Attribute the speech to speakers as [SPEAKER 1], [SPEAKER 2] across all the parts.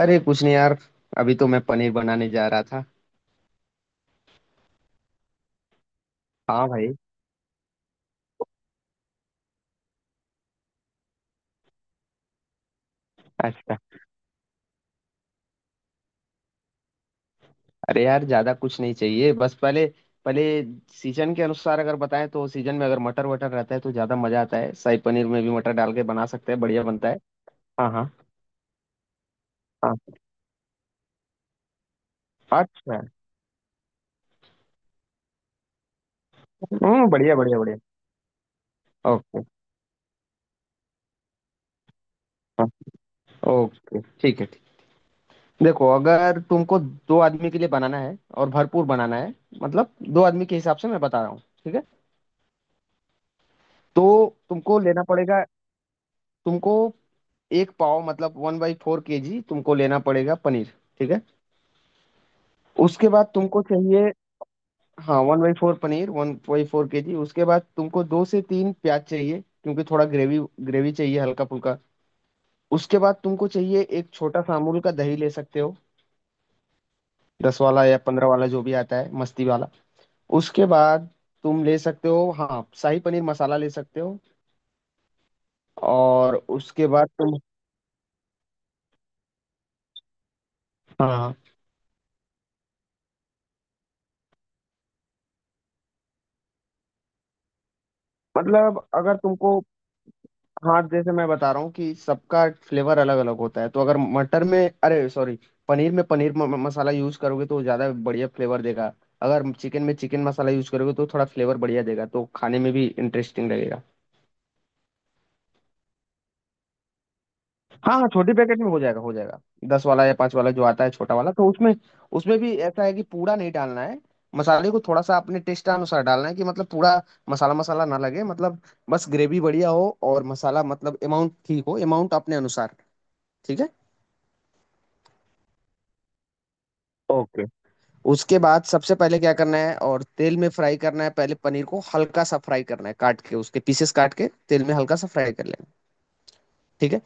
[SPEAKER 1] अरे कुछ नहीं यार। अभी तो मैं पनीर बनाने जा रहा था। हाँ भाई। अच्छा। अरे यार ज्यादा कुछ नहीं चाहिए। बस पहले पहले सीजन के अनुसार अगर बताएं तो सीजन में अगर मटर वटर रहता है तो ज्यादा मजा आता है। शाही पनीर में भी मटर डाल के बना सकते हैं, बढ़िया बनता है। हाँ हाँ हाँ। अच्छा। हम्म, बढ़िया बढ़िया बढ़िया। ओके। हाँ, ओके, ठीक है, ठीक। देखो, अगर तुमको दो आदमी के लिए बनाना है और भरपूर बनाना है, मतलब दो आदमी के हिसाब से मैं बता रहा हूँ, ठीक है? तो तुमको लेना पड़ेगा, तुमको एक पाव मतलब 1/4 KG तुमको लेना पड़ेगा पनीर। ठीक है? उसके बाद तुमको चाहिए, हाँ, 1/4 पनीर, 1/4 KG। उसके बाद तुमको दो से तीन प्याज चाहिए क्योंकि थोड़ा ग्रेवी, ग्रेवी चाहिए हल्का फुल्का। उसके बाद तुमको चाहिए एक छोटा सा अमूल का दही ले सकते हो, दस वाला या पंद्रह वाला जो भी आता है मस्ती वाला। उसके बाद तुम ले सकते हो, हाँ, शाही पनीर मसाला ले सकते हो। और उसके बाद तुम, हाँ, मतलब अगर तुमको, हाँ जैसे मैं बता रहा हूँ कि सबका फ्लेवर अलग अलग होता है तो अगर मटर में, अरे सॉरी, पनीर में पनीर म, म- मसाला यूज करोगे तो ज़्यादा बढ़िया फ्लेवर देगा। अगर चिकन में चिकन मसाला यूज करोगे तो थोड़ा फ्लेवर बढ़िया देगा, तो खाने में भी इंटरेस्टिंग लगेगा। हाँ हाँ, छोटे पैकेट में हो जाएगा, हो जाएगा। दस वाला या पाँच वाला जो आता है छोटा वाला, तो उसमें, उसमें भी ऐसा है कि पूरा नहीं डालना है। मसाले को थोड़ा सा अपने टेस्ट अनुसार डालना है, कि मतलब पूरा मसाला मसाला ना लगे, मतलब बस ग्रेवी बढ़िया हो और मसाला मतलब अमाउंट ठीक हो, अमाउंट अपने अनुसार। ठीक है? ओके। उसके बाद सबसे पहले क्या करना है, और तेल में फ्राई करना है, पहले पनीर को हल्का सा फ्राई करना है, काट के उसके पीसेस काट के तेल में हल्का सा फ्राई कर लेना है। ठीक है?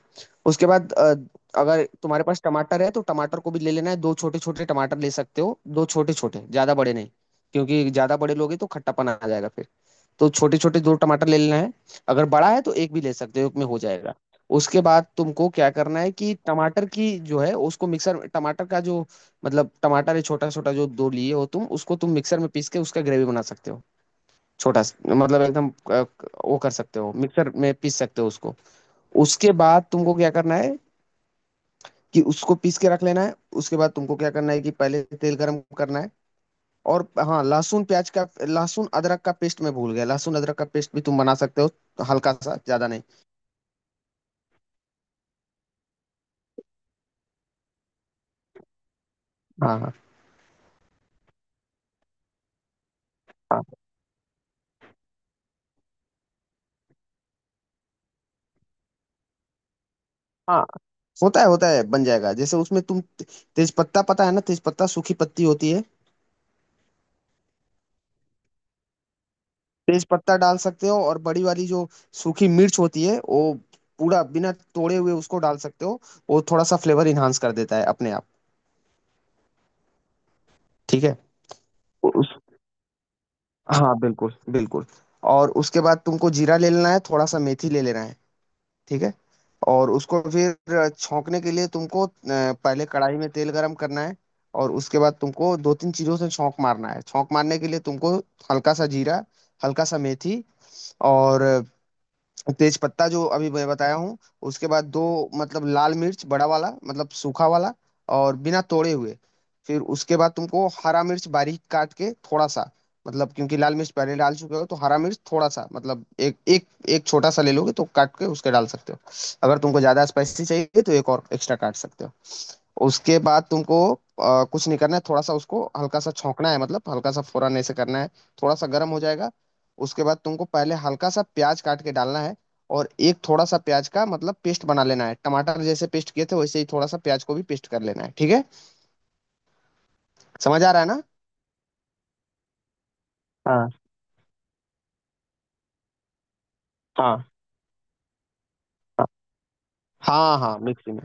[SPEAKER 1] उसके बाद अगर तुम्हारे पास टमाटर है तो टमाटर को भी ले लेना है, दो छोटे छोटे टमाटर ले सकते हो, दो छोटे छोटे, ज्यादा बड़े नहीं, क्योंकि ज्यादा बड़े लोगे तो खट्टापन आ जाएगा फिर। तो छोटे छोटे दो टमाटर ले लेना है। अगर बड़ा है तो एक भी ले सकते हो, एक में हो जाएगा। उसके बाद तुमको क्या करना है कि टमाटर की जो है उसको मिक्सर, टमाटर का जो, मतलब टमाटर है छोटा छोटा जो दो लिए हो तुम, उसको तुम मिक्सर में पीस के उसका ग्रेवी बना सकते हो। छोटा सा, मतलब एकदम वो कर सकते हो, मिक्सर में पीस सकते हो उसको। उसके बाद तुमको क्या करना है कि उसको पीस के रख लेना है। उसके बाद तुमको क्या करना है कि पहले तेल गरम करना है। और हाँ, लहसुन प्याज का, लहसुन अदरक का पेस्ट मैं भूल गया, लहसुन अदरक का पेस्ट भी तुम बना सकते हो, हल्का सा, ज्यादा नहीं। हाँ हाँ हाँ हाँ। होता है, होता है, बन जाएगा। जैसे उसमें तुम तेज पत्ता पता है ना, तेज पत्ता सूखी पत्ती होती है, तेज पत्ता डाल सकते हो। और बड़ी वाली जो सूखी मिर्च होती है वो पूरा बिना तोड़े हुए उसको डाल सकते हो, वो थोड़ा सा फ्लेवर इन्हांस कर देता है अपने आप। ठीक है? उस हाँ बिल्कुल, बिल्कुल। और उसके बाद तुमको जीरा ले लेना है, थोड़ा सा मेथी ले लेना है। ठीक है? और उसको फिर छौंकने के लिए तुमको पहले कढ़ाई में तेल गरम करना है। और उसके बाद तुमको दो तीन चीज़ों से छौंक मारना है। छौंक मारने के लिए तुमको हल्का सा जीरा, हल्का सा मेथी, और तेज पत्ता जो अभी मैं बताया हूँ। उसके बाद दो, मतलब लाल मिर्च, बड़ा वाला, मतलब सूखा वाला, और बिना तोड़े हुए। फिर उसके बाद तुमको हरा मिर्च बारीक काट के थोड़ा सा, मतलब क्योंकि लाल मिर्च पहले डाल चुके हो तो हरा मिर्च थोड़ा सा, मतलब एक एक एक छोटा सा ले लोगे तो काट के उसके डाल सकते हो। अगर तुमको ज्यादा स्पाइसी चाहिए तो एक और एक्स्ट्रा काट सकते हो। उसके बाद तुमको कुछ नहीं करना है, थोड़ा सा उसको हल्का सा छौंकना है, मतलब हल्का सा फौरन ऐसे करना है, थोड़ा सा गर्म हो जाएगा। उसके बाद तुमको पहले हल्का सा प्याज काट के डालना है, और एक थोड़ा सा प्याज का मतलब पेस्ट बना लेना है। टमाटर जैसे पेस्ट किए थे वैसे ही थोड़ा सा प्याज को भी पेस्ट कर लेना है। ठीक है? समझ आ रहा है ना? हाँ हाँ हाँ हाँ हाँ, मिक्सी में।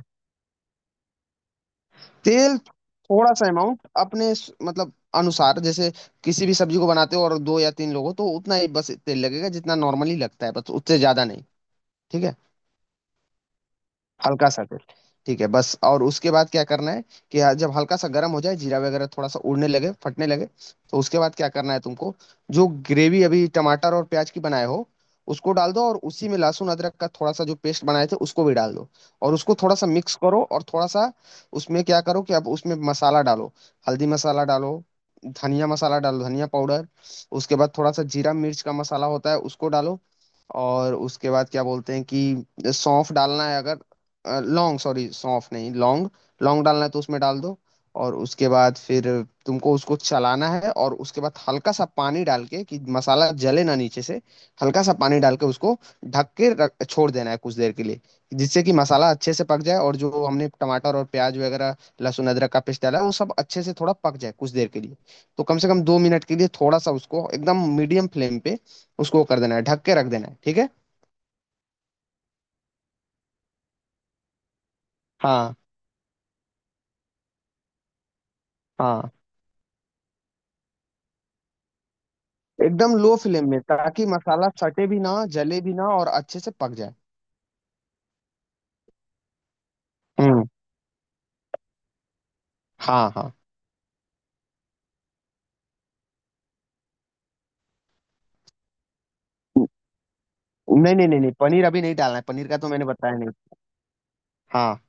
[SPEAKER 1] तेल, थोड़ा सा अमाउंट अपने मतलब अनुसार, जैसे किसी भी सब्जी को बनाते हो और दो या तीन लोग हो तो उतना ही बस तेल लगेगा जितना नॉर्मली लगता है, बस उससे ज्यादा नहीं। ठीक है? हल्का सा तेल। ठीक है, बस। और उसके बाद क्या करना है कि हाँ, जब हल्का सा गर्म हो जाए, जीरा वगैरह थोड़ा सा उड़ने लगे, फटने लगे, तो उसके बाद क्या करना है तुमको, जो ग्रेवी अभी टमाटर और प्याज की बनाए हो उसको डाल दो, और उसी में लहसुन अदरक का थोड़ा सा जो पेस्ट बनाए थे उसको भी डाल दो। और उसको थोड़ा सा मिक्स करो, और थोड़ा सा उसमें क्या करो कि अब उसमें मसाला डालो, हल्दी मसाला डालो, धनिया मसाला डालो, धनिया पाउडर। उसके बाद थोड़ा सा जीरा मिर्च का मसाला होता है उसको डालो। और उसके बाद क्या बोलते हैं कि सौंफ डालना है, अगर लॉन्ग, सॉरी, सौंफ नहीं, लौंग, लौंग डालना है तो उसमें डाल दो। और उसके बाद फिर तुमको उसको चलाना है, और उसके बाद हल्का सा पानी डाल के कि मसाला जले ना नीचे से, हल्का सा पानी डाल के उसको ढक के रख छोड़ देना है कुछ देर के लिए, जिससे कि मसाला अच्छे से पक जाए और जो हमने टमाटर और प्याज वगैरह, लहसुन अदरक का पेस्ट डाला है वो सब अच्छे से थोड़ा पक जाए कुछ देर के लिए। तो कम से कम 2 मिनट के लिए थोड़ा सा उसको एकदम मीडियम फ्लेम पे उसको कर देना है, ढक के रख देना है। ठीक है? हाँ हाँ, एकदम लो फ्लेम में, ताकि मसाला सटे भी ना, जले भी ना, और अच्छे से पक जाए। हम्म। हाँ हाँ। नहीं नहीं नहीं नहीं, पनीर अभी नहीं डालना है, पनीर का तो मैंने बताया नहीं। हाँ।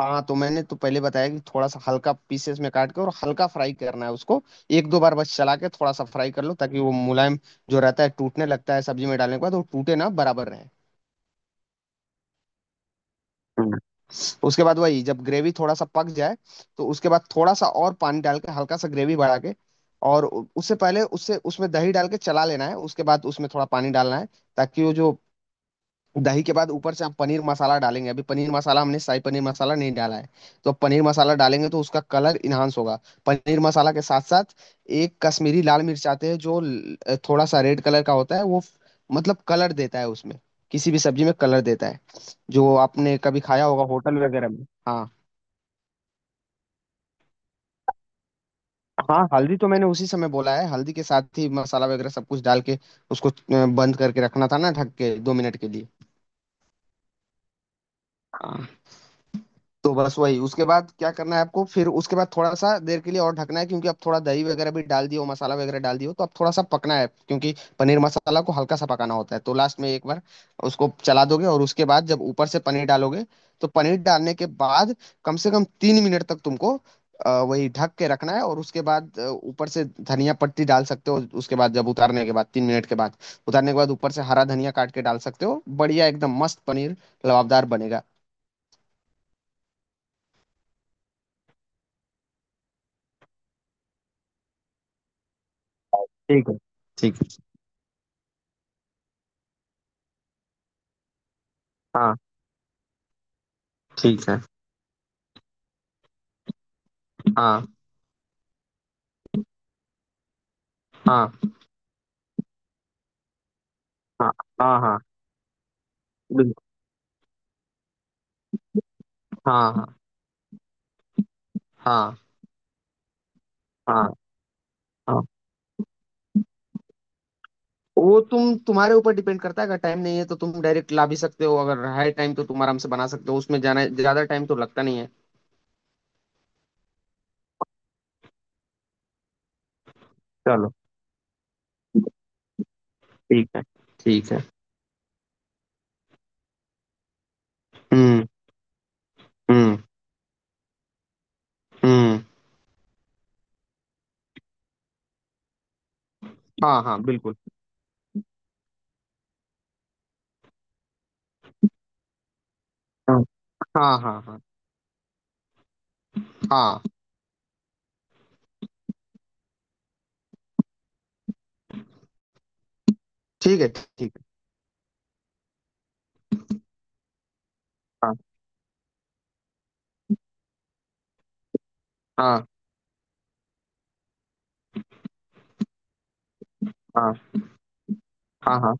[SPEAKER 1] हाँ तो मैंने तो पहले बताया कि थोड़ा सा हल्का पीसेस में काट के और हल्का फ्राई करना है उसको, एक दो बार बस चला के थोड़ा सा फ्राई कर लो, ताकि वो मुलायम जो रहता है टूटने लगता है सब्जी में डालने के बाद, वो टूटे ना, बराबर रहे। उसके बाद वही, जब ग्रेवी थोड़ा सा पक जाए तो उसके बाद थोड़ा सा और पानी डाल के हल्का सा ग्रेवी बढ़ा के, और उससे पहले उससे उसमें दही डाल के चला लेना है, उसके बाद उसमें थोड़ा पानी डालना है, ताकि वो जो दही के बाद ऊपर से हम पनीर मसाला डालेंगे, अभी पनीर मसाला हमने, शाही पनीर मसाला नहीं डाला है, तो अब पनीर मसाला डालेंगे तो उसका कलर इन्हांस होगा। पनीर मसाला के साथ साथ एक कश्मीरी लाल मिर्च आते हैं, जो थोड़ा सा रेड कलर का होता है वो, मतलब कलर देता है उसमें, किसी भी सब्जी में कलर देता है, जो आपने कभी खाया होगा होटल वगैरह में। हाँ। हाँ, हल्दी तो मैंने उसी समय बोला है, हल्दी के साथ ही मसाला वगैरह सब कुछ डाल के उसको बंद करके रखना था ना, ढक के, 2 मिनट के लिए। तो बस वही, उसके बाद क्या करना है आपको, फिर उसके बाद थोड़ा सा देर के लिए और ढकना है क्योंकि अब थोड़ा दही वगैरह भी डाल दियो, मसाला वगैरह डाल दियो तो अब थोड़ा सा पकना है, क्योंकि पनीर मसाला को हल्का सा पकाना होता है। तो लास्ट में एक बार उसको चला दोगे, और उसके बाद जब ऊपर से पनीर डालोगे तो पनीर डालने के बाद कम से कम 3 मिनट तक तुमको वही ढक के रखना है। और उसके बाद ऊपर से धनिया पत्ती डाल सकते हो। उसके बाद जब उतारने के बाद, 3 मिनट के बाद उतारने के बाद, ऊपर से हरा धनिया काट के डाल सकते हो, बढ़िया एकदम मस्त पनीर लबाबदार बनेगा। ठीक है, ठीक है। हाँ, ठीक है। हाँ हाँ हाँ हाँ हाँ, बिल्कुल। हाँ हाँ हाँ हाँ हाँ, वो तुम, तुम्हारे ऊपर डिपेंड करता है। अगर टाइम नहीं है तो तुम डायरेक्ट ला भी सकते हो, अगर है टाइम तो तुम आराम से बना सकते हो, उसमें जाना ज्यादा टाइम तो लगता नहीं है। चलो, ठीक है, ठीक है। हम्म हम्म हम्म। हाँ हाँ बिल्कुल। हाँ हाँ हाँ हाँ हाँ, ठीक है, ठीक है। हाँ हाँ हाँ हाँ हाँ,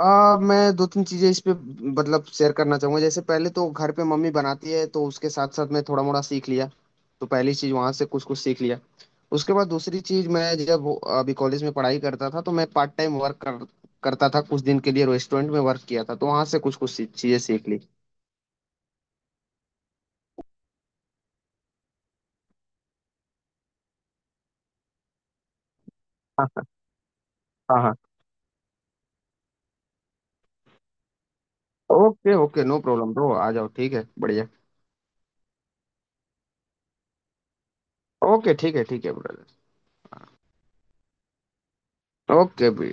[SPEAKER 1] मैं दो तीन चीजें इस पे, मतलब शेयर करना चाहूंगा। जैसे पहले तो घर पे मम्मी बनाती है तो उसके साथ साथ मैं थोड़ा मोड़ा सीख लिया, तो पहली चीज वहां से कुछ कुछ सीख लिया। उसके बाद दूसरी चीज, मैं जब अभी कॉलेज में पढ़ाई करता था तो मैं पार्ट टाइम करता था, कुछ दिन के लिए रेस्टोरेंट में वर्क किया था, तो वहां से कुछ कुछ चीजें सीख ली। हाँ हाँ हाँ हाँ। Okay okay, no problem bro, आ जाओ, ठीक है, बढ़िया। ओके ठीक है, ठीक है ब्रदर। ओके।